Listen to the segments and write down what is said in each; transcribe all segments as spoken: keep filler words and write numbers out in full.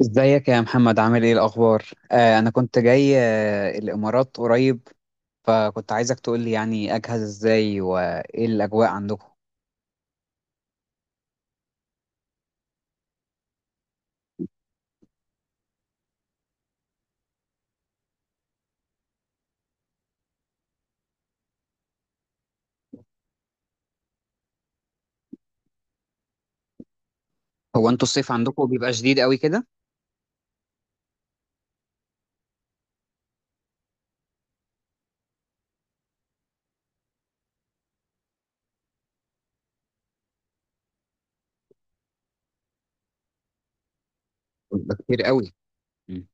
ازيك يا محمد؟ عامل ايه الاخبار؟ آه انا كنت جاي آه الامارات قريب، فكنت عايزك تقول لي يعني اجهز ازاي وايه الاجواء عندكم. هو انتوا الصيف عندكم بيبقى شديد قوي كده؟ بيبقى كتير قوي. مم.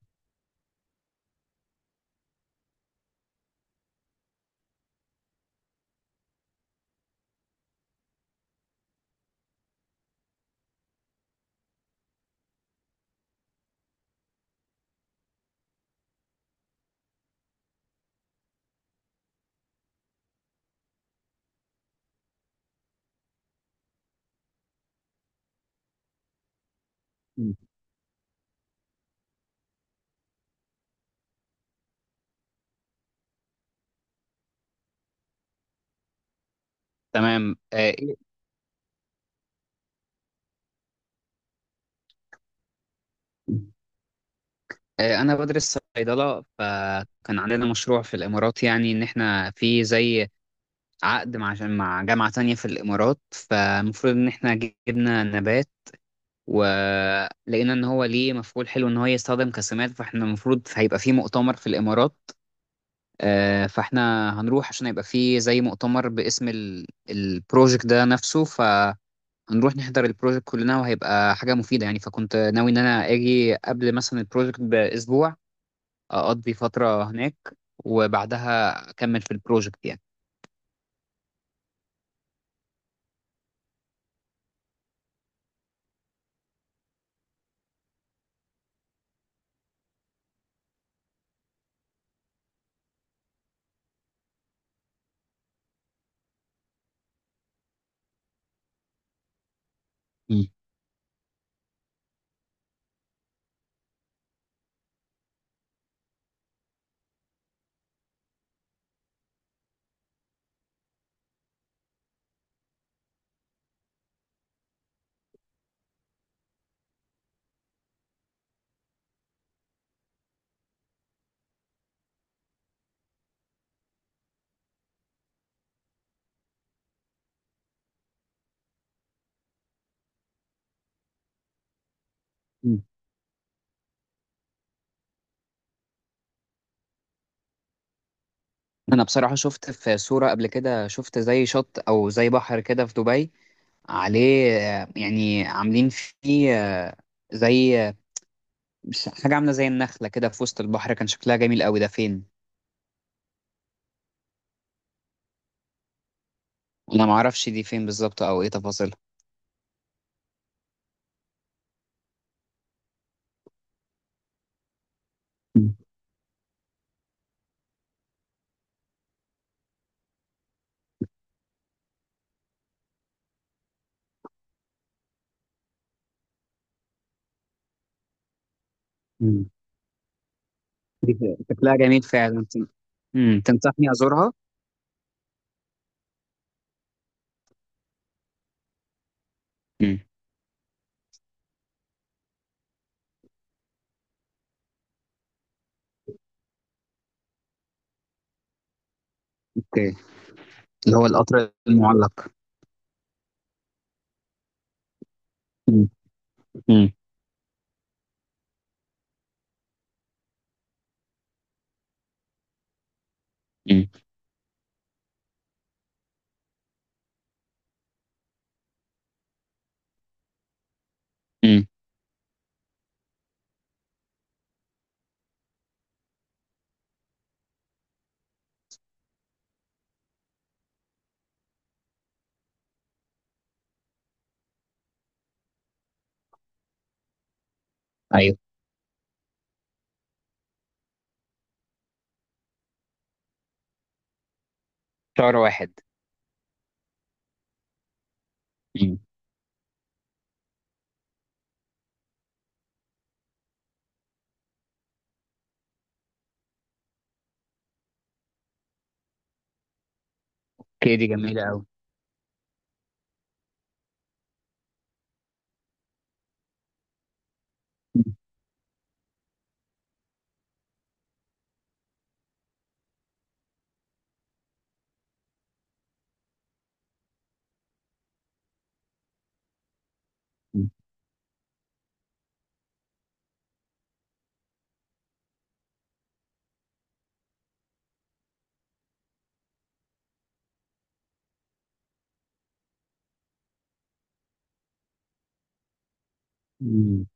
مم. تمام. آه إيه؟ آه انا بدرس صيدله، فكان عندنا مشروع في الامارات، يعني ان احنا في زي عقد مع مع جامعه تانية في الامارات، فالمفروض ان احنا جبنا نبات ولقينا ان هو ليه مفعول حلو ان هو يستخدم كسمات. فاحنا المفروض هيبقى فيه مؤتمر في الامارات، آه، فاحنا هنروح عشان هيبقى فيه زي مؤتمر باسم ال- البروجكت ده نفسه، فهنروح نحضر البروجكت كلنا وهيبقى حاجة مفيدة يعني. فكنت ناوي ان انا اجي قبل مثلا البروجكت باسبوع، اقضي فترة هناك وبعدها اكمل في البروجكت يعني. مم. مم. انا بصراحة شفت في صورة قبل كده، شفت زي شط او زي بحر كده في دبي، عليه آه، يعني عاملين فيه آه، زي آه، مش- حاجة عاملة زي النخلة كده في وسط البحر، كان شكلها جميل قوي. ده فين؟ أنا معرفش دي فين بالظبط أو إيه تفاصيلها. مم. مم. دي فين؟ شكلها جميل فعلا. تن- مم. تنصحني أزورها؟ مم. أوكي. اللي هو القطر المعلق. مم. مم. مم. مم. أيوه. شهر واحد. مم. أوكي، دي جميلة قوي. مم. مم.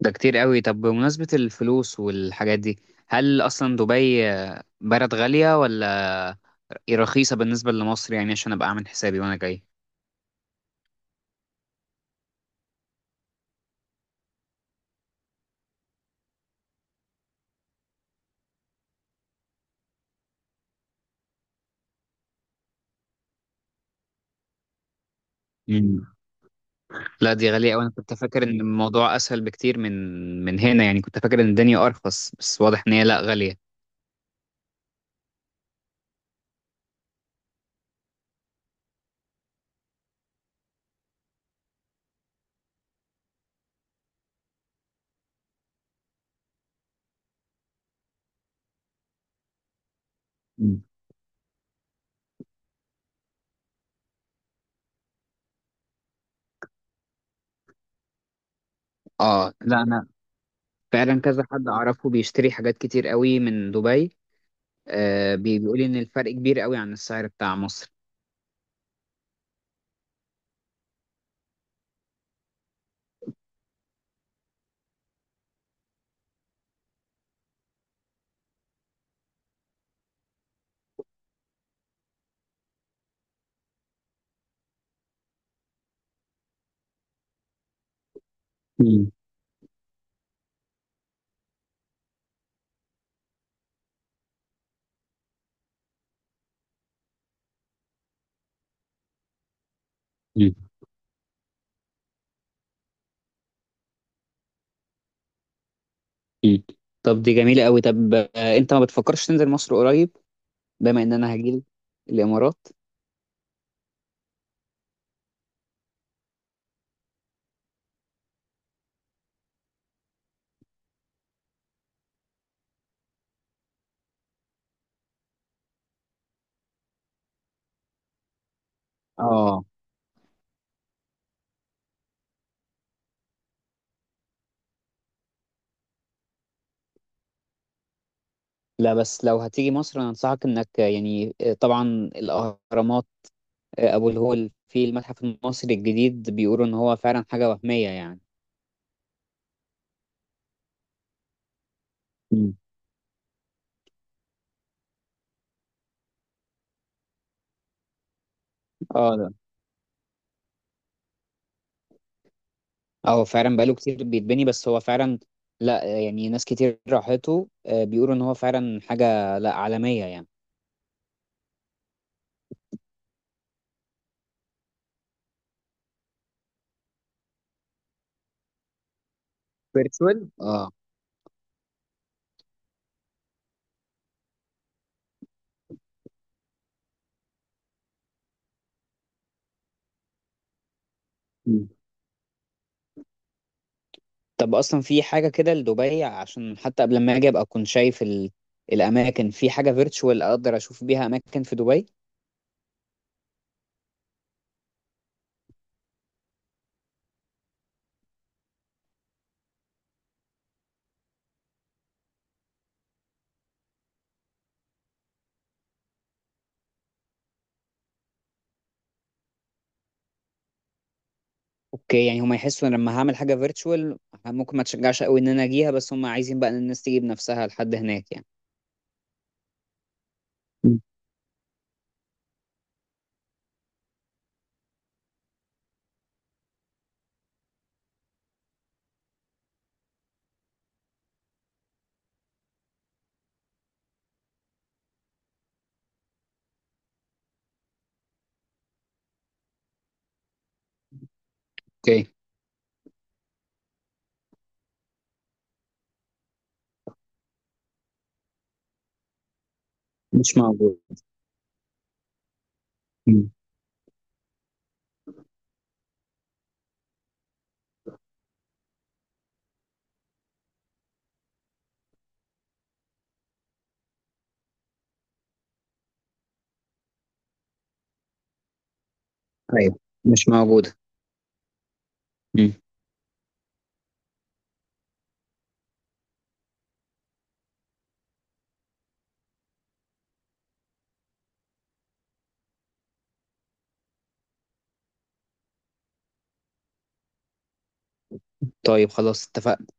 ده كتير قوي. طب بمناسبة الفلوس والحاجات دي، هل أصلا دبي بلد غالية، ولا إيه؟ رخيصة بالنسبة لمصر يعني؟ عشان أبقى أعمل حسابي وأنا جاي. مم. لا دي غالية أوي. أنا كنت فاكر إن الموضوع أسهل بكتير من من هنا يعني، كنت فاكر إن الدنيا أرخص، بس واضح إن هي لا، غالية. مم. اه. لا انا فعلا كذا حد اعرفه بيشتري حاجات كتير قوي من دبي. آه، بي- بيقول لي ان الفرق كبير قوي عن السعر بتاع مصر. مم. مم. مم. طب دي جميلة قوي. طب آه انت ما بتفكرش تنزل مصر قريب، بما ان انا هجيلك الامارات؟ اه. لا بس لو هتيجي مصر انا انصحك انك يعني آه، طبعا الاهرامات، آه، ابو الهول، في المتحف المصري الجديد بيقولوا ان هو فعلا حاجه وهميه يعني. مم. اه ده، اه فعلا بقاله كتير بيتبني، بس هو فعلا لا آه، يعني ناس كتير راحته آه، بيقولوا ان هو فعلا حاجه لا عالميه يعني. فيرتشوال اه. مم. طب اصلا في حاجه كده لدبي؟ عشان حتى قبل ما اجي ابقى اكون شايف ال... الاماكن، في حاجه فيرتشوال اقدر اشوف بيها اماكن في دبي؟ اوكي، يعني هم يحسوا ان لما هعمل حاجه فيرتشوال ممكن ما تشجعش قوي ان انا اجيها، بس هم عايزين بقى ان الناس تيجي بنفسها لحد هناك يعني. مم. اوكي. مش موجود. مم. ايوه. مش موجوده. مم. طيب خلاص، اتفقنا.